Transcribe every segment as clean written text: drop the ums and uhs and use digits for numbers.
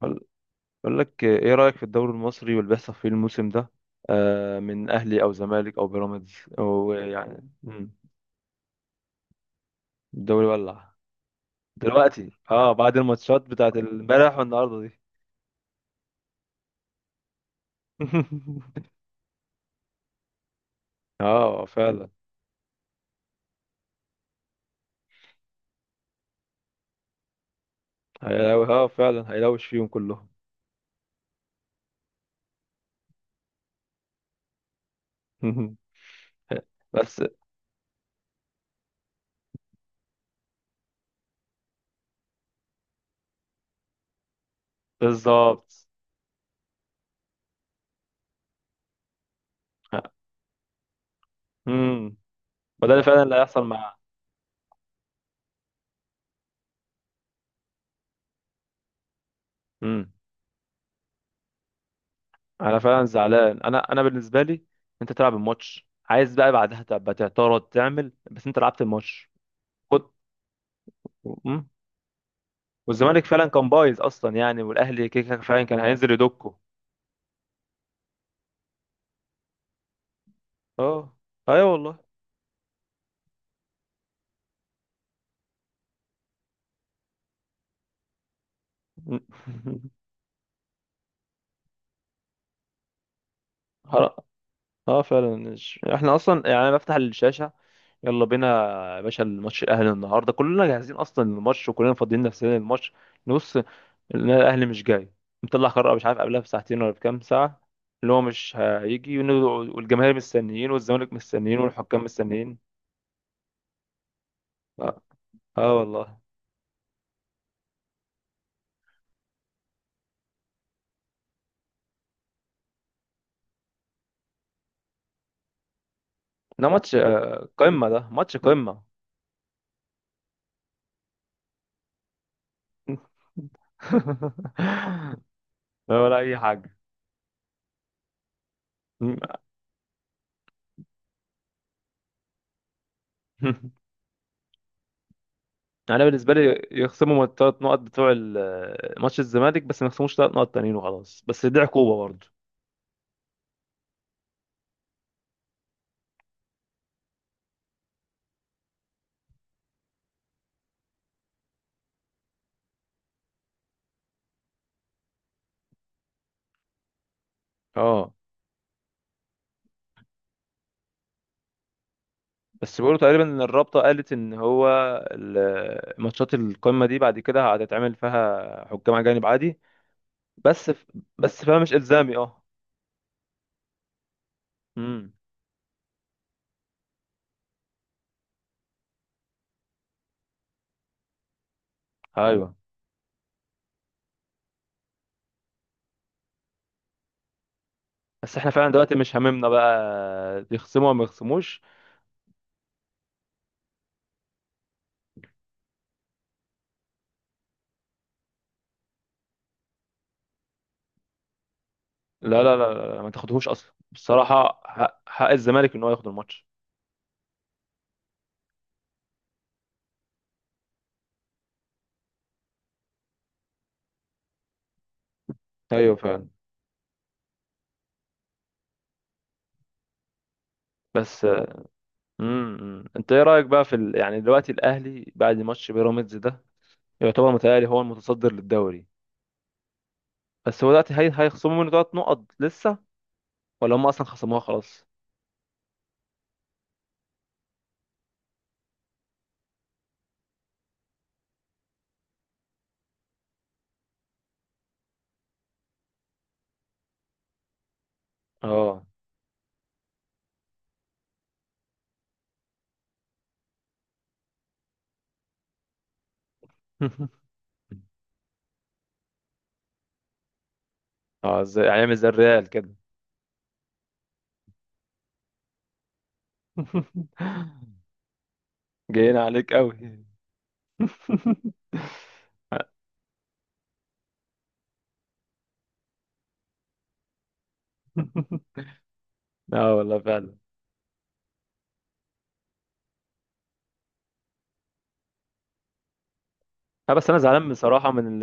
بقول بقول لك ايه رأيك في الدوري المصري واللي بيحصل فيه الموسم ده؟ آه، من اهلي او زمالك او بيراميدز او يعني الدوري ولع دلوقتي. اه بعد الماتشات بتاعت امبارح والنهارده دي اه فعلا. هيلو، فعلا هيلوش فيهم كلهم. بس بالظبط. امم، وده اللي فعلا اللي هيحصل مع. امم، انا فعلا زعلان. انا بالنسبه لي، انت تلعب الماتش. عايز بقى بعدها تبقى تعترض تعمل، بس انت لعبت الماتش. مم. والزمالك فعلا كان بايظ اصلا يعني، والاهلي كيكا فعلا كان هينزل يدكه. اه ايوه والله. حرام. اه فعلا احنا اصلا يعني انا بفتح الشاشه، يلا بينا يا باشا. الماتش الاهلي النهارده كلنا جاهزين اصلا للماتش، وكلنا فاضيين نفسنا للماتش. نبص لقينا الاهلي مش جاي، مطلع قرار مش عارف قبلها بساعتين ولا بكام ساعه، اللي هو مش هيجي. والجماهير مستنيين والزمالك مستنيين والحكام مستنيين. اه، آه والله. ده ماتش قمه، ده ماتش قمه. لا ولا اي حاجه. انا بالنسبه لي يخصموا الثلاث نقط بتوع ماتش الزمالك بس، ما يخصموش ثلاث نقط تانيين وخلاص، بس دي عقوبه برضه. اه، بس بيقولوا تقريبا ان الرابطه قالت ان هو ماتشات القمه دي بعد كده هتتعمل فيها حكام اجانب عادي، بس ف... بس فيها مش الزامي. اه امم، ايوه بس احنا فعلا دلوقتي مش هاممنا بقى يخصموا ولا ما يخصموش. لا لا لا لا، ما تاخدهوش اصلا. بصراحه حق، حق الزمالك ان هو ياخد الماتش. ايوه فعلا. بس امم، انت ايه رايك بقى في يعني دلوقتي الاهلي بعد ماتش بيراميدز ده؟ يعتبر متهيألي هو المتصدر للدوري، بس هو دلوقتي هيخصموا منه ثلاث نقط لسه، ولا هم اصلا خصموها خلاص؟ اه. اه، ازاي هيعمل زي الريال كده. جايين عليك قوي. اه والله فعلا. لا بس انا زعلان بصراحه من ال،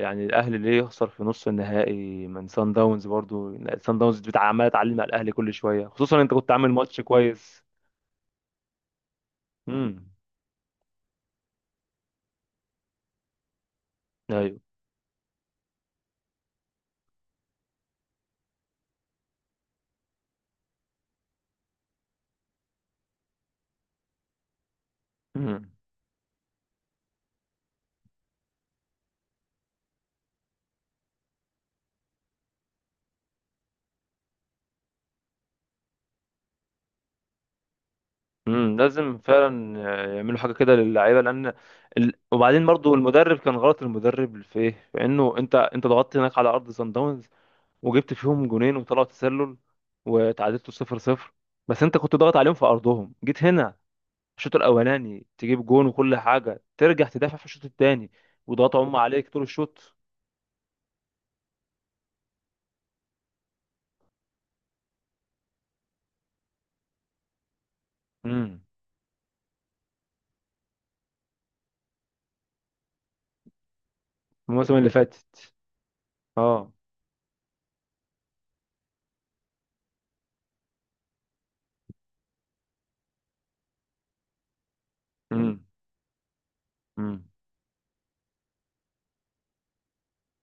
يعني الاهلي ليه يخسر في نص النهائي من سان داونز؟ برضو سان داونز بتاع عماله تعلم على الاهلي كل شويه، خصوصا انت كنت عامل ماتش كويس. امم ايوه. امم امم، لازم فعلا يعملوا حاجه كده للعيبه، لان وبعدين برضو المدرب كان غلط. المدرب في ايه؟ في انه انت ضغطت هناك على ارض سان داونز، وجبت فيهم جونين وطلعوا تسلل، وتعادلتوا 0 0. بس انت كنت ضاغط عليهم في ارضهم. جيت هنا الشوط الاولاني تجيب جون وكل حاجه، ترجع تدافع في الشوط الثاني وضغط هم عليك طول الشوط. امم، الموسم اللي فاتت. اه امم امم،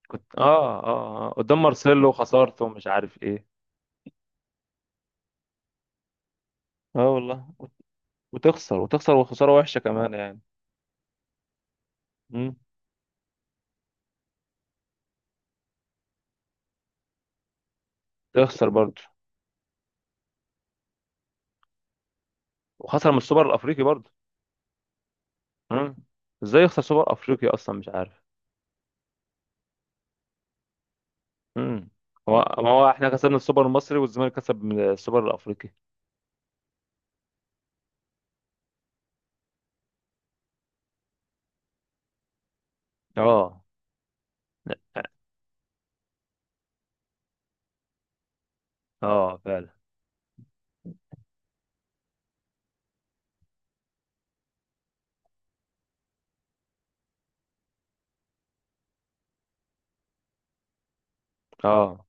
كنت قدام مارسيلو خسرت ومش عارف ايه. اه والله وتخسر وتخسر، وخساره وحشه كمان يعني. امم، تخسر برضه. وخسر من السوبر الافريقي برضه. امم، ازاي يخسر سوبر افريقي اصلا؟ مش عارف. امم، هو ما هو احنا كسبنا السوبر المصري والزمالك كسب من السوبر الافريقي. اه اه فعلا. اه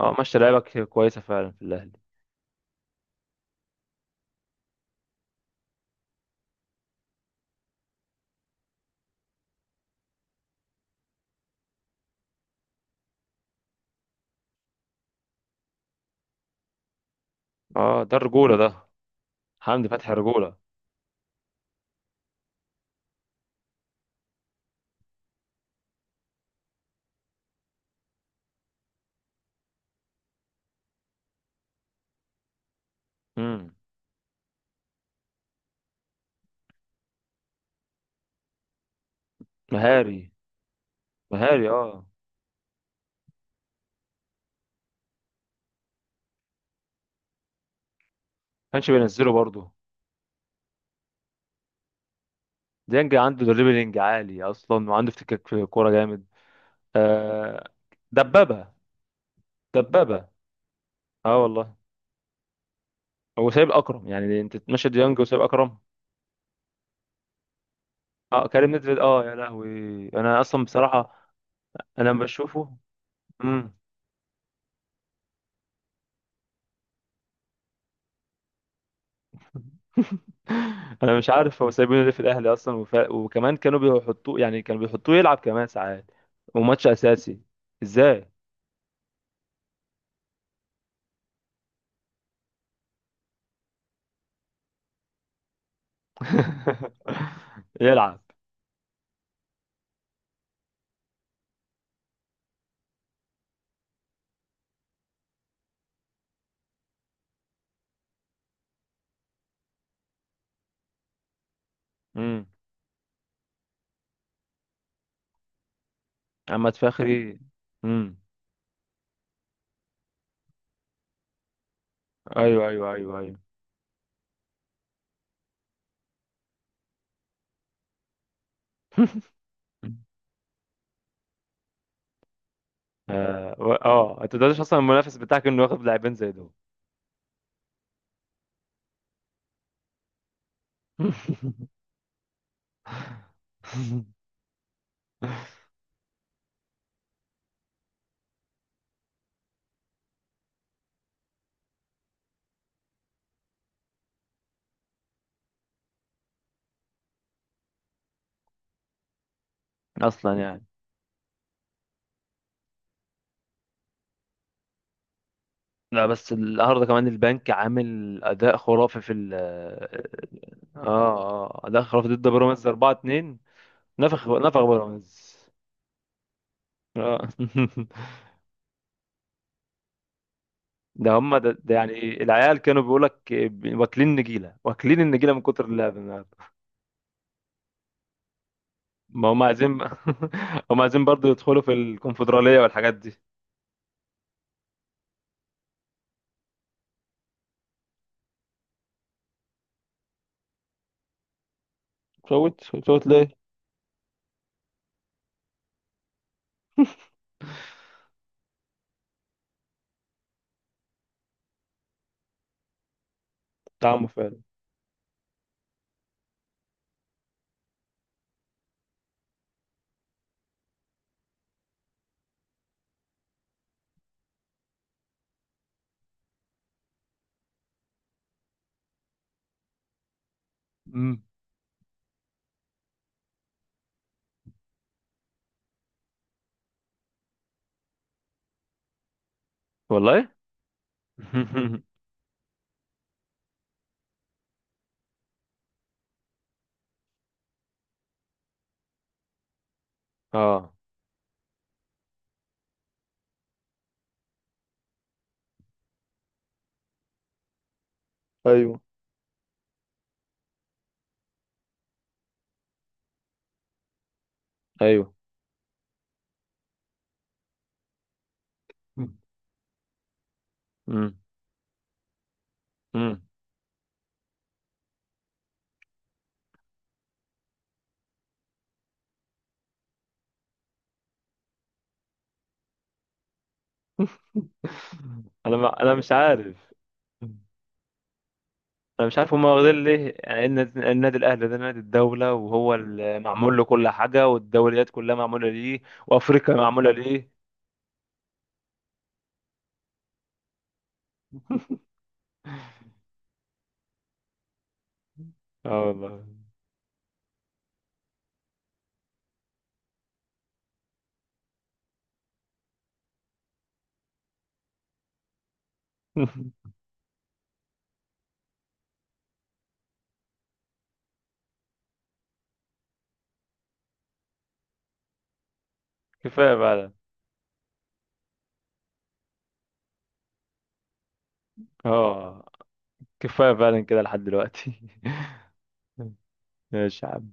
اه ماشي، لعيبك كويسه فعلا في الاهلي. اه، ده الرجوله ده. حمدي فتحي رجوله. امم مهاري، مهاري اه. كانش بينزله برضه. ديانج عنده دريبلينج عالي اصلا، وعنده افتكاك في الكوره جامد. آه، دبابه دبابه. اه والله. هو سايب اكرم، يعني انت تمشي ديانج وسايب اكرم؟ اه، كريم نيدفيد اه، يا لهوي. انا اصلا بصراحه، انا لما بشوفه انا مش عارف هو سايبينه ليه في الاهلي اصلا، وكمان كانوا بيحطوه، يعني كانوا بيحطوه يلعب كمان ساعات وماتش اساسي، ازاي؟ يلعب. امم، اما تفخري. امم، ايوه ايوه ايوه ايوه. اه انت تقدرش اصلا المنافس بتاعك انه ياخد لاعبين زي دول. اصلا يعني. لا بس النهارده كمان البنك عامل اداء خرافي في ال، اه اه اداء خرافي ضد بيراميدز 4 2. نفخ نفخ بيراميدز. آه. ده هم ده, ده يعني العيال كانوا بيقول لك واكلين نجيله، واكلين النجيله من كتر اللعب النهارده. ما هم عايزين. هم عايزين برضه يدخلوا في الكونفدراليه والحاجات دي. فوت فوت ليه؟ طعمه فعلا. مم. والله. اه ايوه ايوه. مم. مم. انا مش عارف. انا مش عارف هما واخدين ليه؟ يعني إيه النادي، النادي الاهلي ده نادي الدوله، وهو اللي معمول له كل حاجه، والدوريات كلها معموله ليه، وافريقيا معموله ليه. اه والله. كفايه فعلا. اه، كفايه فعلا كده لحد دلوقتي. ماشي يا عم.